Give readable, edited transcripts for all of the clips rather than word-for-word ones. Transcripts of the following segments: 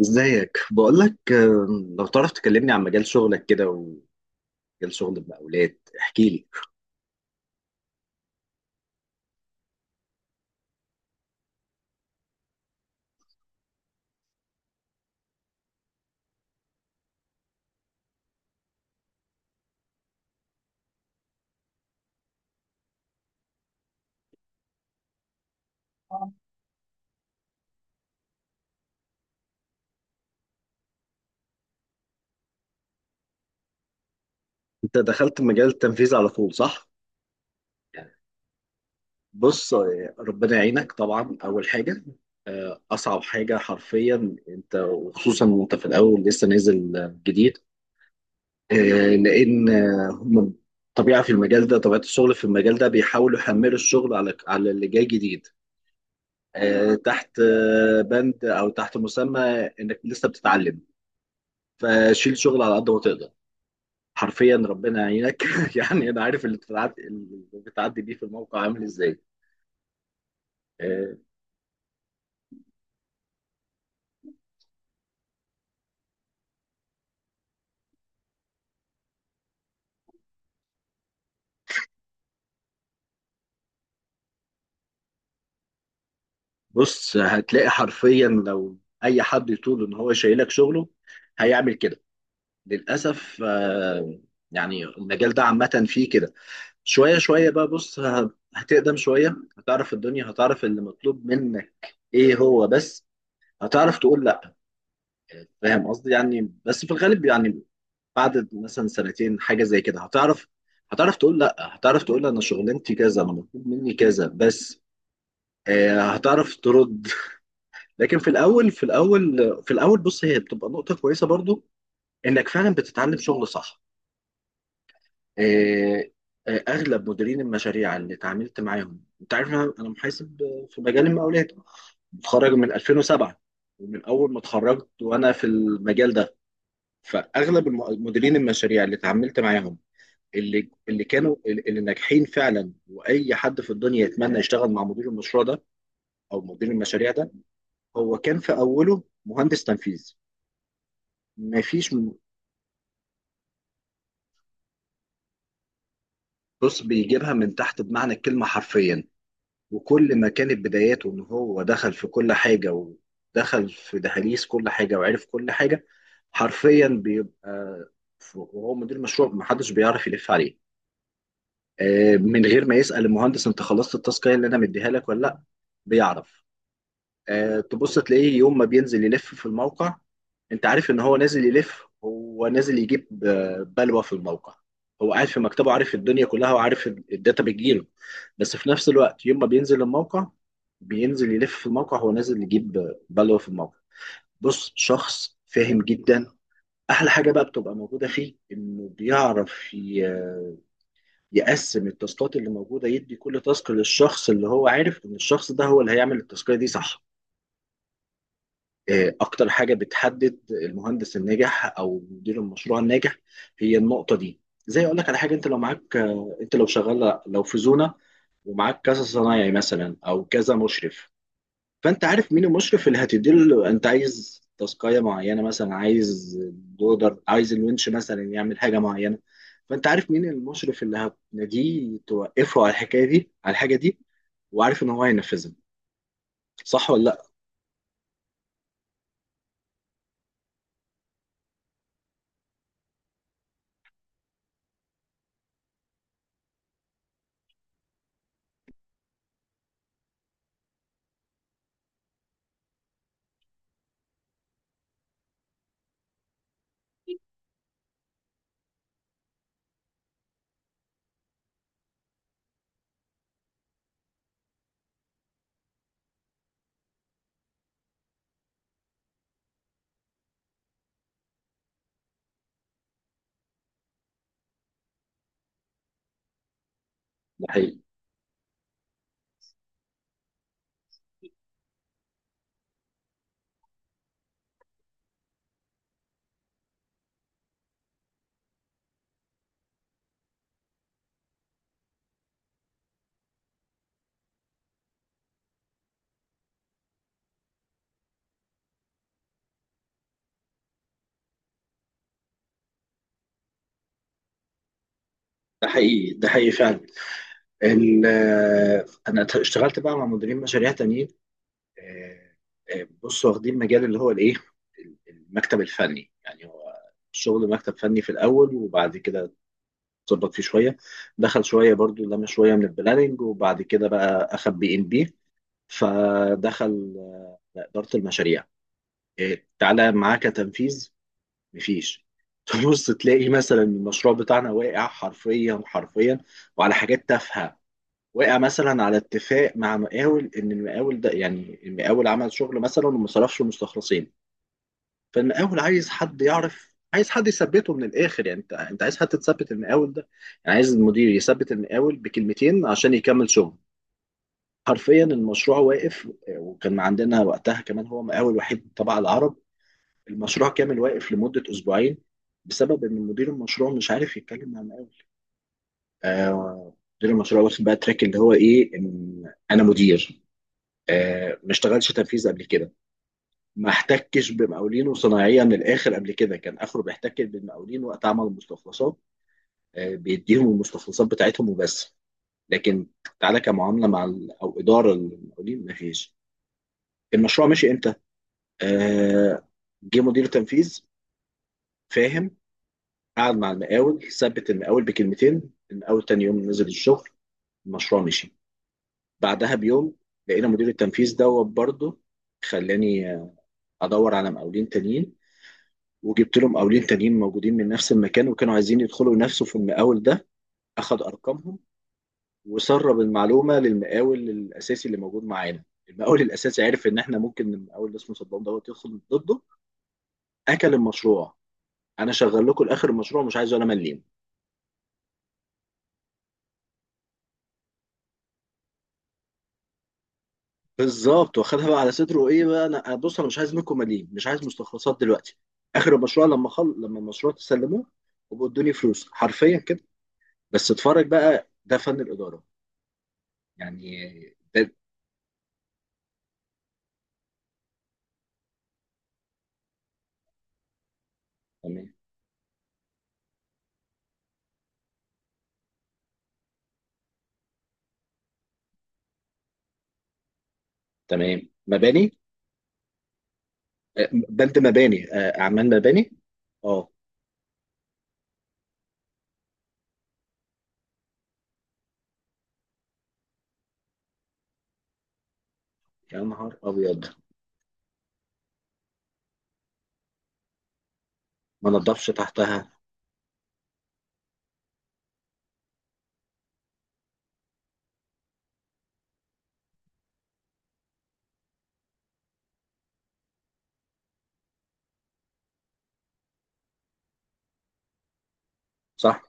ازيك بقول لك. لو تعرف تكلمني عن مجال شغلك كده ومجال شغل المقاولات احكي لي. انت دخلت مجال التنفيذ على طول، صح؟ بص ربنا يعينك طبعا. اول حاجه اصعب حاجه حرفيا انت، وخصوصا وانت في الاول لسه نازل جديد. آه، لان آه، هم طبيعه في المجال ده، طبيعه الشغل في المجال ده بيحاولوا يحملوا الشغل على اللي جاي جديد تحت بند او تحت مسمى انك لسه بتتعلم، فشيل شغل على قد ما تقدر. حرفيا ربنا يعينك يعني انا عارف اللي بتعدي بيه في الموقع عامل ازاي. آه، بص، هتلاقي حرفيا لو اي حد يطول ان هو شايلك شغله هيعمل كده. للاسف يعني المجال ده عامه فيه كده. شويه شويه بقى. بص، هتقدم شويه، هتعرف الدنيا، هتعرف اللي مطلوب منك ايه هو بس، هتعرف تقول لا. فاهم قصدي؟ يعني بس في الغالب يعني بعد مثلا سنتين حاجه زي كده هتعرف، هتعرف تقول لا، هتعرف تقول انا شغلانتي كذا، انا مطلوب مني كذا بس، هتعرف ترد. لكن في الاول بص، هي بتبقى نقطه كويسه برضو انك فعلا بتتعلم شغل، صح؟ آه، اغلب مديرين المشاريع اللي اتعاملت معاهم، انت عارف، أنا محاسب في مجال المقاولات، متخرج من 2007، ومن اول ما اتخرجت وانا في المجال ده. فاغلب مديرين المشاريع اللي اتعاملت معاهم، اللي كانوا اللي ناجحين فعلا واي حد في الدنيا يتمنى يشتغل مع مدير المشروع ده او مدير المشاريع ده، هو كان في اوله مهندس تنفيذ. مفيش م- بص، بيجيبها من تحت بمعنى الكلمه حرفيا. وكل ما كانت بداياته ان هو دخل في كل حاجه ودخل في دهاليز كل حاجه وعرف كل حاجه، حرفيا بيبقى وهو مدير مشروع محدش بيعرف يلف عليه. من غير ما يسال المهندس انت خلصت التاسك اللي انا مديها لك ولا لا، بيعرف. تبص تلاقيه يوم ما بينزل يلف في الموقع، انت عارف ان هو نازل يلف، هو نازل يجيب بلوى في الموقع. هو قاعد في مكتبه، عارف الدنيا كلها، وعارف الداتا بتجيله، بس في نفس الوقت يوم ما بينزل الموقع، بينزل يلف في الموقع، هو نازل يجيب بلوى في الموقع. بص، شخص فاهم جدا. احلى حاجه بقى بتبقى موجوده فيه انه بيعرف يقسم التاسكات اللي موجوده، يدي كل تاسك للشخص اللي هو عارف ان الشخص ده هو اللي هيعمل التاسكيه دي، صح؟ اكتر حاجه بتحدد المهندس الناجح او مدير المشروع الناجح هي النقطه دي. زي اقول لك على حاجه، انت لو معاك انت لو شغال، لو في زونه ومعاك كذا صنايعي مثلا او كذا مشرف، فانت عارف مين المشرف اللي هتديله، انت عايز تاسكايه معينه، مثلا عايز دودر، عايز الونش مثلا يعمل حاجه معينه، فانت عارف مين المشرف اللي هتناديه توقفه على الحكايه دي، على الحاجه دي، وعارف ان هو هينفذها، صح ولا لا؟ ده حقيقي، ده حقيقي، ده حقيقي فعلا. ال- انا اشتغلت بقى مع مديرين مشاريع تانيين. آه، بص، واخدين مجال اللي هو الايه، المكتب الفني. يعني هو الشغل مكتب فني في الاول، وبعد كده اتظبط فيه شويه، دخل شويه برضو لما شويه من البلاننج، وبعد كده بقى اخد بي ام بي، فدخل اداره المشاريع. تعالى معاه كتنفيذ، مفيش تبص تلاقي مثلا المشروع بتاعنا واقع حرفيا حرفيا، وعلى حاجات تافهه. وقع مثلا على اتفاق مع مقاول ان المقاول ده، يعني المقاول عمل شغل مثلا وما صرفش المستخلصين، فالمقاول عايز حد يعرف، عايز حد يثبته من الاخر، يعني انت، عايز حد تثبت المقاول ده، يعني عايز المدير يثبت المقاول بكلمتين عشان يكمل شغل. حرفيا المشروع واقف، وكان عندنا وقتها كمان، هو مقاول وحيد تبع العرب، المشروع كامل واقف لمدة اسبوعين بسبب ان مدير المشروع مش عارف يتكلم مع المقاول. آه، مدير المشروع واخد بقى تراك اللي هو ايه، ان انا مدير، ما اشتغلش تنفيذ قبل كده، ما احتكش بمقاولينه صناعيا للاخر قبل كده. كان اخره بيحتك بالمقاولين وقت عمل المستخلصات، بيديهم المستخلصات بتاعتهم وبس، لكن تعالى كمعامله مع او اداره المقاولين ما فيش. المشروع مشي امتى؟ آه، جه مدير تنفيذ فاهم، قعد مع المقاول، ثبت المقاول بكلمتين، المقاول تاني يوم نزل الشغل، المشروع مشي. بعدها بيوم لقينا مدير التنفيذ دوت برضه، خلاني ادور على مقاولين تانيين، وجبت لهم قاولين تانيين موجودين من نفس المكان وكانوا عايزين يدخلوا نفسه في المقاول ده، اخد ارقامهم وسرب المعلومه للمقاول الاساسي اللي موجود معانا. المقاول الاساسي عرف ان احنا ممكن المقاول اللي اسمه صدام دوت يدخل ضده، اكل المشروع. انا شغال لكم لاخر المشروع، مش عايز ولا مليم. بالظبط، واخدها بقى على صدره، ايه بقى، انا بص، انا مش عايز منكم مليم، مش عايز مستخلصات دلوقتي، اخر المشروع لما لما المشروع تسلموه وبقوا ادوني فلوس حرفيا كده. بس اتفرج بقى، ده فن الاداره يعني. ده تمام، مباني. بلد مباني، اعمال مباني. اه، يا نهار ابيض. ما نضفش تحتها، صح.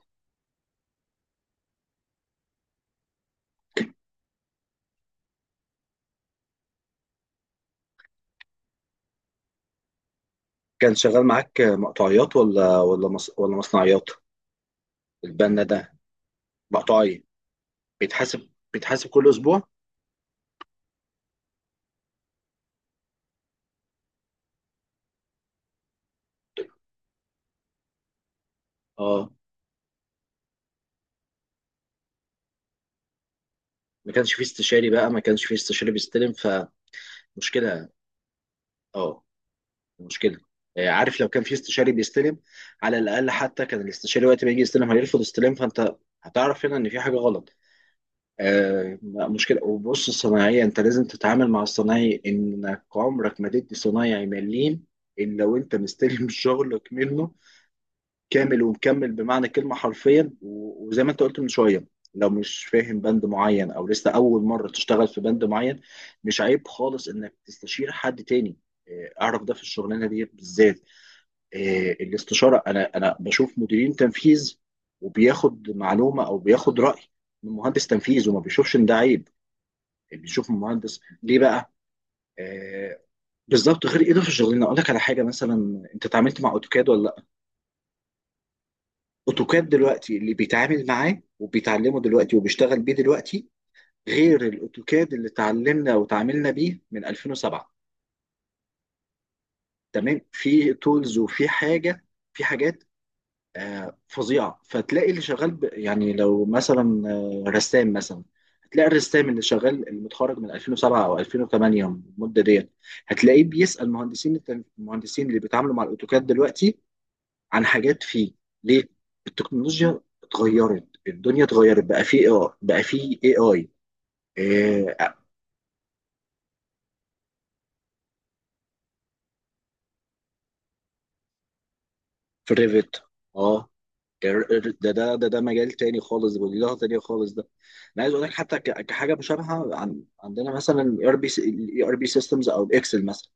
كان شغال معاك مقطعيات ولا مصنعيات؟ البنا ده مقطعي، بيتحاسب كل اسبوع. اه، ما كانش فيه استشاري بقى، ما كانش فيه استشاري بيستلم، فمشكله. اه، مشكله. عارف، لو كان فيه استشاري بيستلم، على الاقل حتى كان الاستشاري وقت ما يجي يستلم هيرفض استلام، فانت هتعرف هنا ان في حاجه غلط. مشكلة. وبص، الصناعية أنت لازم تتعامل مع الصناعي إنك عمرك ما تدي صنايعي مليم إلا وأنت مستلم شغلك منه كامل ومكمل بمعنى الكلمة حرفيا. وزي ما أنت قلت من شوية، لو مش فاهم بند معين أو لسه أول مرة تشتغل في بند معين، مش عيب خالص إنك تستشير حد تاني. أعرف ده في الشغلانة دي بالذات، الاستشارة. أنا بشوف مديرين تنفيذ وبياخد معلومة أو بياخد رأي من مهندس تنفيذ وما بيشوفش إن ده عيب، بيشوف المهندس ليه بقى؟ آه. بالظبط، غير ايده في الشغلانه. اقول لك على حاجه، مثلا انت اتعاملت مع اوتوكاد ولا لا؟ اوتوكاد دلوقتي اللي بيتعامل معاه وبيتعلمه دلوقتي وبيشتغل بيه دلوقتي غير الاوتوكاد اللي اتعلمنا وتعاملنا بيه من 2007. تمام؟ في تولز، وفي حاجه، في حاجات فظيعه. فتلاقي اللي شغال يعني لو مثلا رسام مثلا، هتلاقي الرسام اللي شغال اللي متخرج من 2007 او 2008، المده ديت، هتلاقيه بيسال مهندسين المهندسين اللي بيتعاملوا مع الاوتوكاد دلوقتي عن حاجات فيه. ليه؟ التكنولوجيا اتغيرت، الدنيا اتغيرت بقى، فيه بقى فيه اي اي في الريفت. اه، ده مجال تاني خالص وليله تانية خالص ده. انا عايز اقول لك حتى كحاجه مشابهه، عن عندنا مثلا الاي ار بي سيستمز او الاكسل مثلا.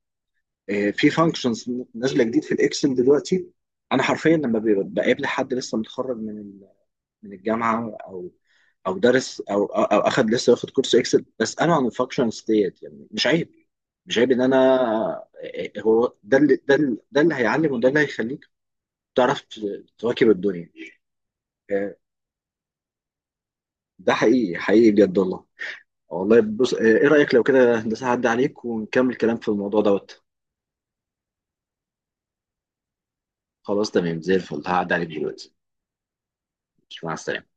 في فانكشنز نازله جديد في الاكسل دلوقتي. انا حرفيا لما بقابل حد لسه متخرج من من الجامعه او او درس او أو اخد لسه واخد كورس اكسل، بساله عن الفانكشنز ديت. يعني مش عيب، مش عيب ان انا هو ده اللي، ده اللي هيعلم، وده اللي هيخليه تعرف تواكب الدنيا. آه، ده حقيقي، حقيقي بجد والله. والله بص، ايه رأيك لو كده هندسة هعدي عليك ونكمل كلام في الموضوع دوت؟ خلاص تمام، زي الفل، هعدي عليك دلوقتي. مع السلامة.